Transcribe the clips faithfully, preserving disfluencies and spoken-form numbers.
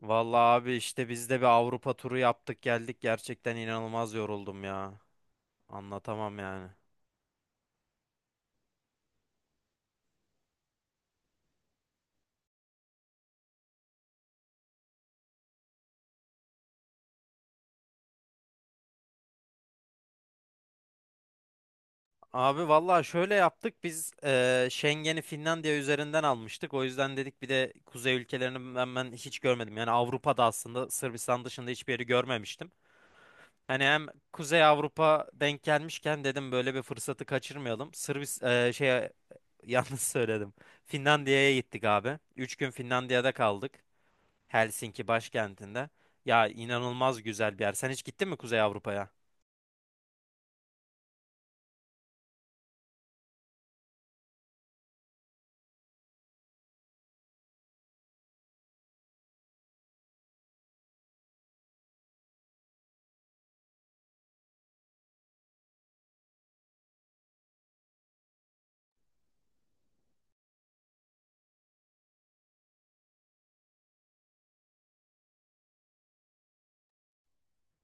Vallahi abi işte biz de bir Avrupa turu yaptık geldik. Gerçekten inanılmaz yoruldum ya. Anlatamam yani. Abi vallahi şöyle yaptık biz eee Schengen'i Finlandiya üzerinden almıştık. O yüzden dedik bir de kuzey ülkelerini ben, ben hiç görmedim. Yani Avrupa'da aslında Sırbistan dışında hiçbir yeri görmemiştim. Hani hem Kuzey Avrupa denk gelmişken dedim böyle bir fırsatı kaçırmayalım. Sırbis eee, şey yalnız söyledim. Finlandiya'ya gittik abi. Üç gün Finlandiya'da kaldık. Helsinki başkentinde. Ya inanılmaz güzel bir yer. Sen hiç gittin mi Kuzey Avrupa'ya?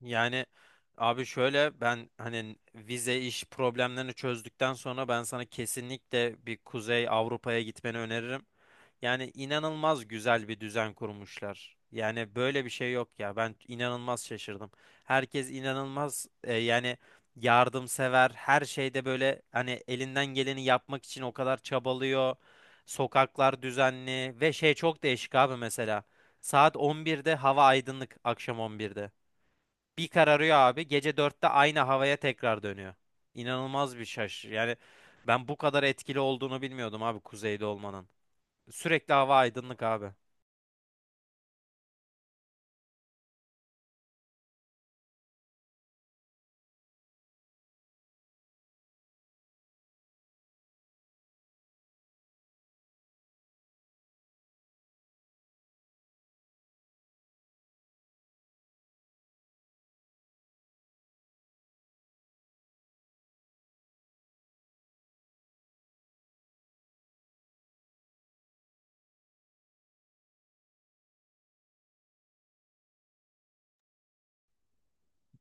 Yani abi şöyle ben hani vize iş problemlerini çözdükten sonra ben sana kesinlikle bir Kuzey Avrupa'ya gitmeni öneririm. Yani inanılmaz güzel bir düzen kurmuşlar. Yani böyle bir şey yok ya. Ben inanılmaz şaşırdım. Herkes inanılmaz e, yani yardımsever. Her şeyde böyle hani elinden geleni yapmak için o kadar çabalıyor. Sokaklar düzenli ve şey çok değişik abi mesela. Saat on birde hava aydınlık, akşam on birde bir kararıyor abi. Gece dörtte aynı havaya tekrar dönüyor. İnanılmaz bir şaş. Yani ben bu kadar etkili olduğunu bilmiyordum abi kuzeyde olmanın. Sürekli hava aydınlık abi.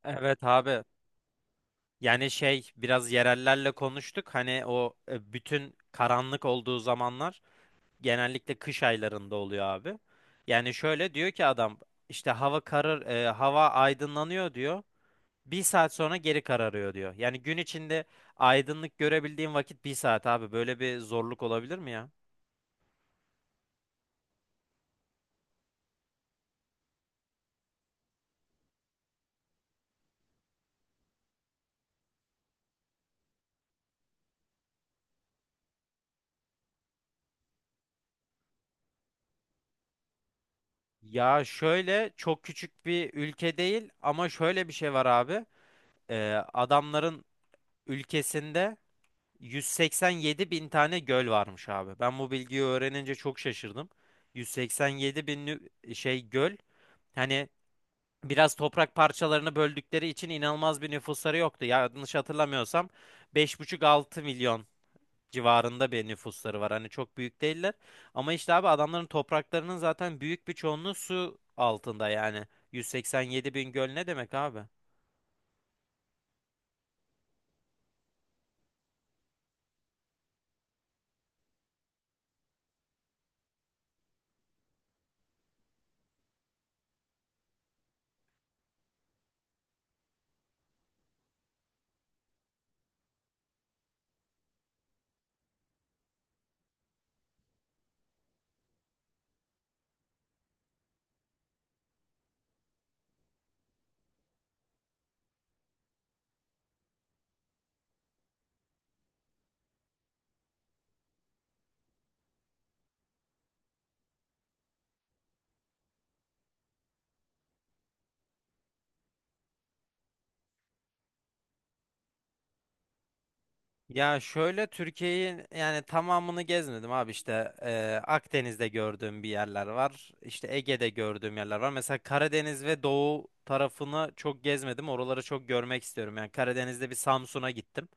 Evet abi. Yani şey biraz yerellerle konuştuk. Hani o e, bütün karanlık olduğu zamanlar genellikle kış aylarında oluyor abi. Yani şöyle diyor ki adam işte hava karır e, hava aydınlanıyor diyor. Bir saat sonra geri kararıyor diyor. Yani gün içinde aydınlık görebildiğin vakit bir saat abi. Böyle bir zorluk olabilir mi ya? Ya şöyle çok küçük bir ülke değil ama şöyle bir şey var abi. Ee, adamların ülkesinde yüz seksen yedi bin tane göl varmış abi. Ben bu bilgiyi öğrenince çok şaşırdım. yüz seksen yedi bin nü- şey göl. Hani biraz toprak parçalarını böldükleri için inanılmaz bir nüfusları yoktu. Yanlış hatırlamıyorsam beş buçuk-altı milyon civarında bir nüfusları var. Hani çok büyük değiller. Ama işte abi adamların topraklarının zaten büyük bir çoğunluğu su altında yani. yüz seksen yedi bin göl ne demek abi? Ya şöyle Türkiye'yi yani tamamını gezmedim abi işte eee, Akdeniz'de gördüğüm bir yerler var. İşte Ege'de gördüğüm yerler var. Mesela Karadeniz ve Doğu tarafını çok gezmedim. Oraları çok görmek istiyorum. Yani Karadeniz'de bir Samsun'a gittim.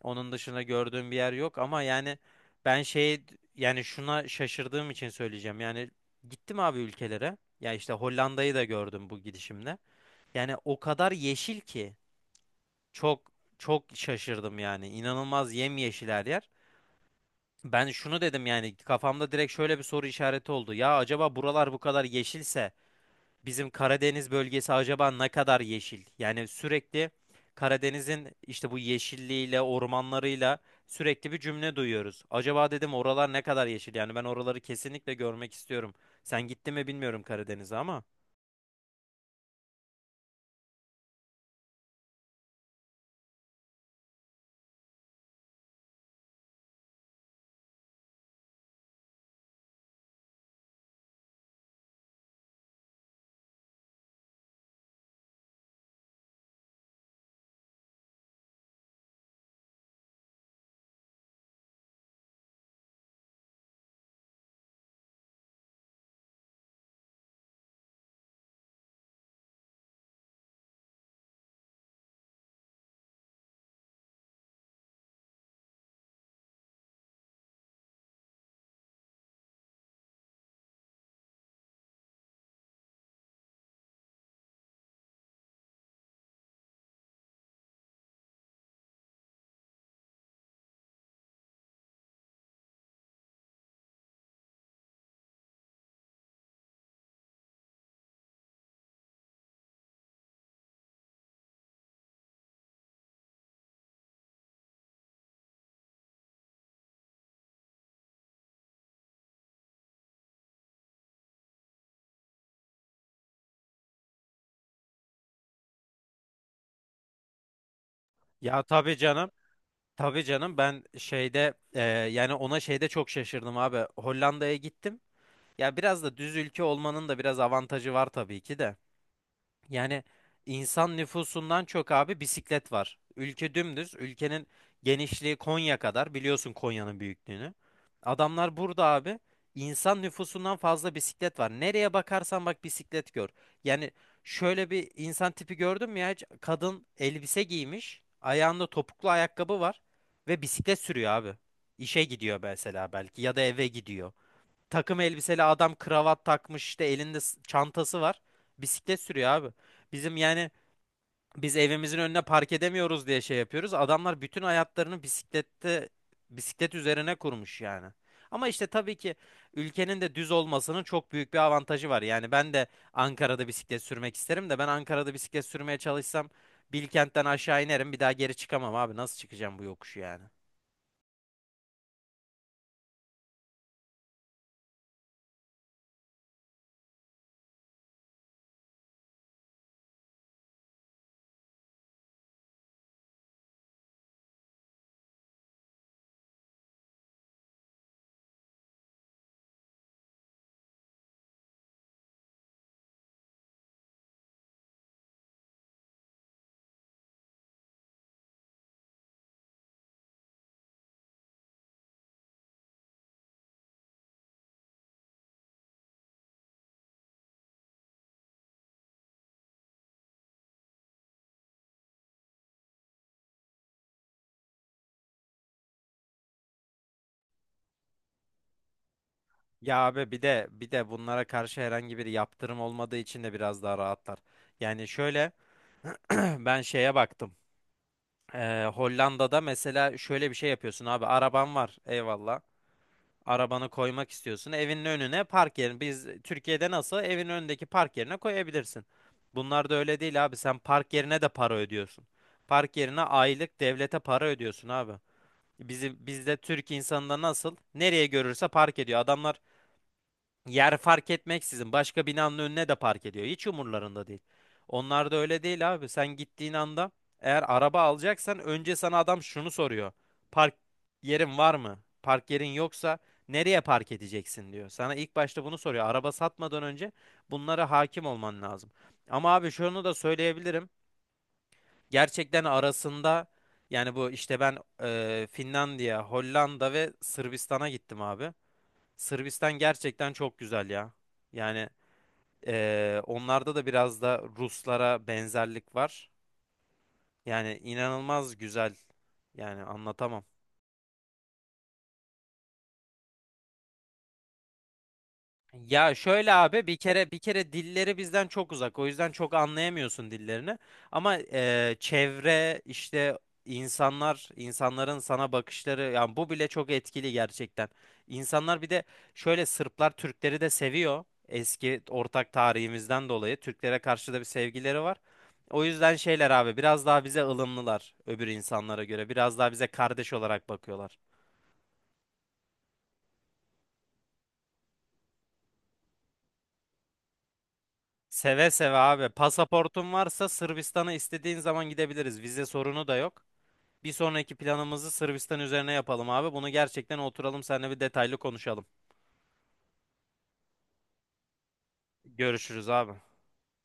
Onun dışında gördüğüm bir yer yok ama yani ben şey yani şuna şaşırdığım için söyleyeceğim. Yani gittim abi ülkelere. Ya işte Hollanda'yı da gördüm bu gidişimde. Yani o kadar yeşil ki çok çok şaşırdım yani. İnanılmaz yemyeşil her yer. Ben şunu dedim yani kafamda direkt şöyle bir soru işareti oldu. Ya acaba buralar bu kadar yeşilse bizim Karadeniz bölgesi acaba ne kadar yeşil? Yani sürekli Karadeniz'in işte bu yeşilliğiyle, ormanlarıyla sürekli bir cümle duyuyoruz. Acaba dedim oralar ne kadar yeşil? Yani ben oraları kesinlikle görmek istiyorum. Sen gittin mi bilmiyorum Karadeniz'e ama. Ya tabii canım. Tabii canım ben şeyde e, yani ona şeyde çok şaşırdım abi. Hollanda'ya gittim. Ya biraz da düz ülke olmanın da biraz avantajı var tabii ki de. Yani insan nüfusundan çok abi bisiklet var. Ülke dümdüz. Ülkenin genişliği Konya kadar. Biliyorsun Konya'nın büyüklüğünü. Adamlar burada abi insan nüfusundan fazla bisiklet var. Nereye bakarsan bak bisiklet gör. Yani şöyle bir insan tipi gördün mü ya hiç? Kadın elbise giymiş. Ayağında topuklu ayakkabı var. Ve bisiklet sürüyor abi. İşe gidiyor mesela belki ya da eve gidiyor takım elbiseli adam kravat takmış işte elinde s- çantası var. Bisiklet sürüyor abi. Bizim yani biz evimizin önüne park edemiyoruz diye şey yapıyoruz. Adamlar bütün hayatlarını bisiklette bisiklet üzerine kurmuş yani. Ama işte tabii ki ülkenin de düz olmasının çok büyük bir avantajı var. Yani ben de Ankara'da bisiklet sürmek isterim de ben Ankara'da bisiklet sürmeye çalışsam Bilkent'ten aşağı inerim bir daha geri çıkamam abi. Nasıl çıkacağım bu yokuşu yani? Ya abi bir de bir de bunlara karşı herhangi bir yaptırım olmadığı için de biraz daha rahatlar. Yani şöyle ben şeye baktım. Ee, Hollanda'da mesela şöyle bir şey yapıyorsun abi. Araban var eyvallah. Arabanı koymak istiyorsun. Evinin önüne park yerini. Biz Türkiye'de nasıl evin önündeki park yerine koyabilirsin. Bunlar da öyle değil abi. Sen park yerine de para ödüyorsun. Park yerine aylık devlete para ödüyorsun abi. Bizim bizde Türk insanında nasıl nereye görürse park ediyor. Adamlar yer fark etmeksizin başka binanın önüne de park ediyor. Hiç umurlarında değil. Onlar da öyle değil abi. Sen gittiğin anda eğer araba alacaksan önce sana adam şunu soruyor. Park yerin var mı? Park yerin yoksa nereye park edeceksin diyor. Sana ilk başta bunu soruyor. Araba satmadan önce bunlara hakim olman lazım. Ama abi şunu da söyleyebilirim. Gerçekten arasında yani bu işte ben eee, Finlandiya, Hollanda ve Sırbistan'a gittim abi. Sırbistan gerçekten çok güzel ya. Yani eee, onlarda da biraz da Ruslara benzerlik var. Yani inanılmaz güzel. Yani anlatamam. Ya şöyle abi bir kere bir kere dilleri bizden çok uzak. O yüzden çok anlayamıyorsun dillerini. Ama eee, çevre işte insanlar insanların sana bakışları yani bu bile çok etkili gerçekten. İnsanlar bir de şöyle Sırplar Türkleri de seviyor. Eski ortak tarihimizden dolayı Türklere karşı da bir sevgileri var. O yüzden şeyler abi biraz daha bize ılımlılar öbür insanlara göre. Biraz daha bize kardeş olarak bakıyorlar. Seve seve abi. Pasaportun varsa Sırbistan'a istediğin zaman gidebiliriz. Vize sorunu da yok. Bir sonraki planımızı Sırbistan üzerine yapalım abi. Bunu gerçekten oturalım seninle bir detaylı konuşalım. Görüşürüz abi.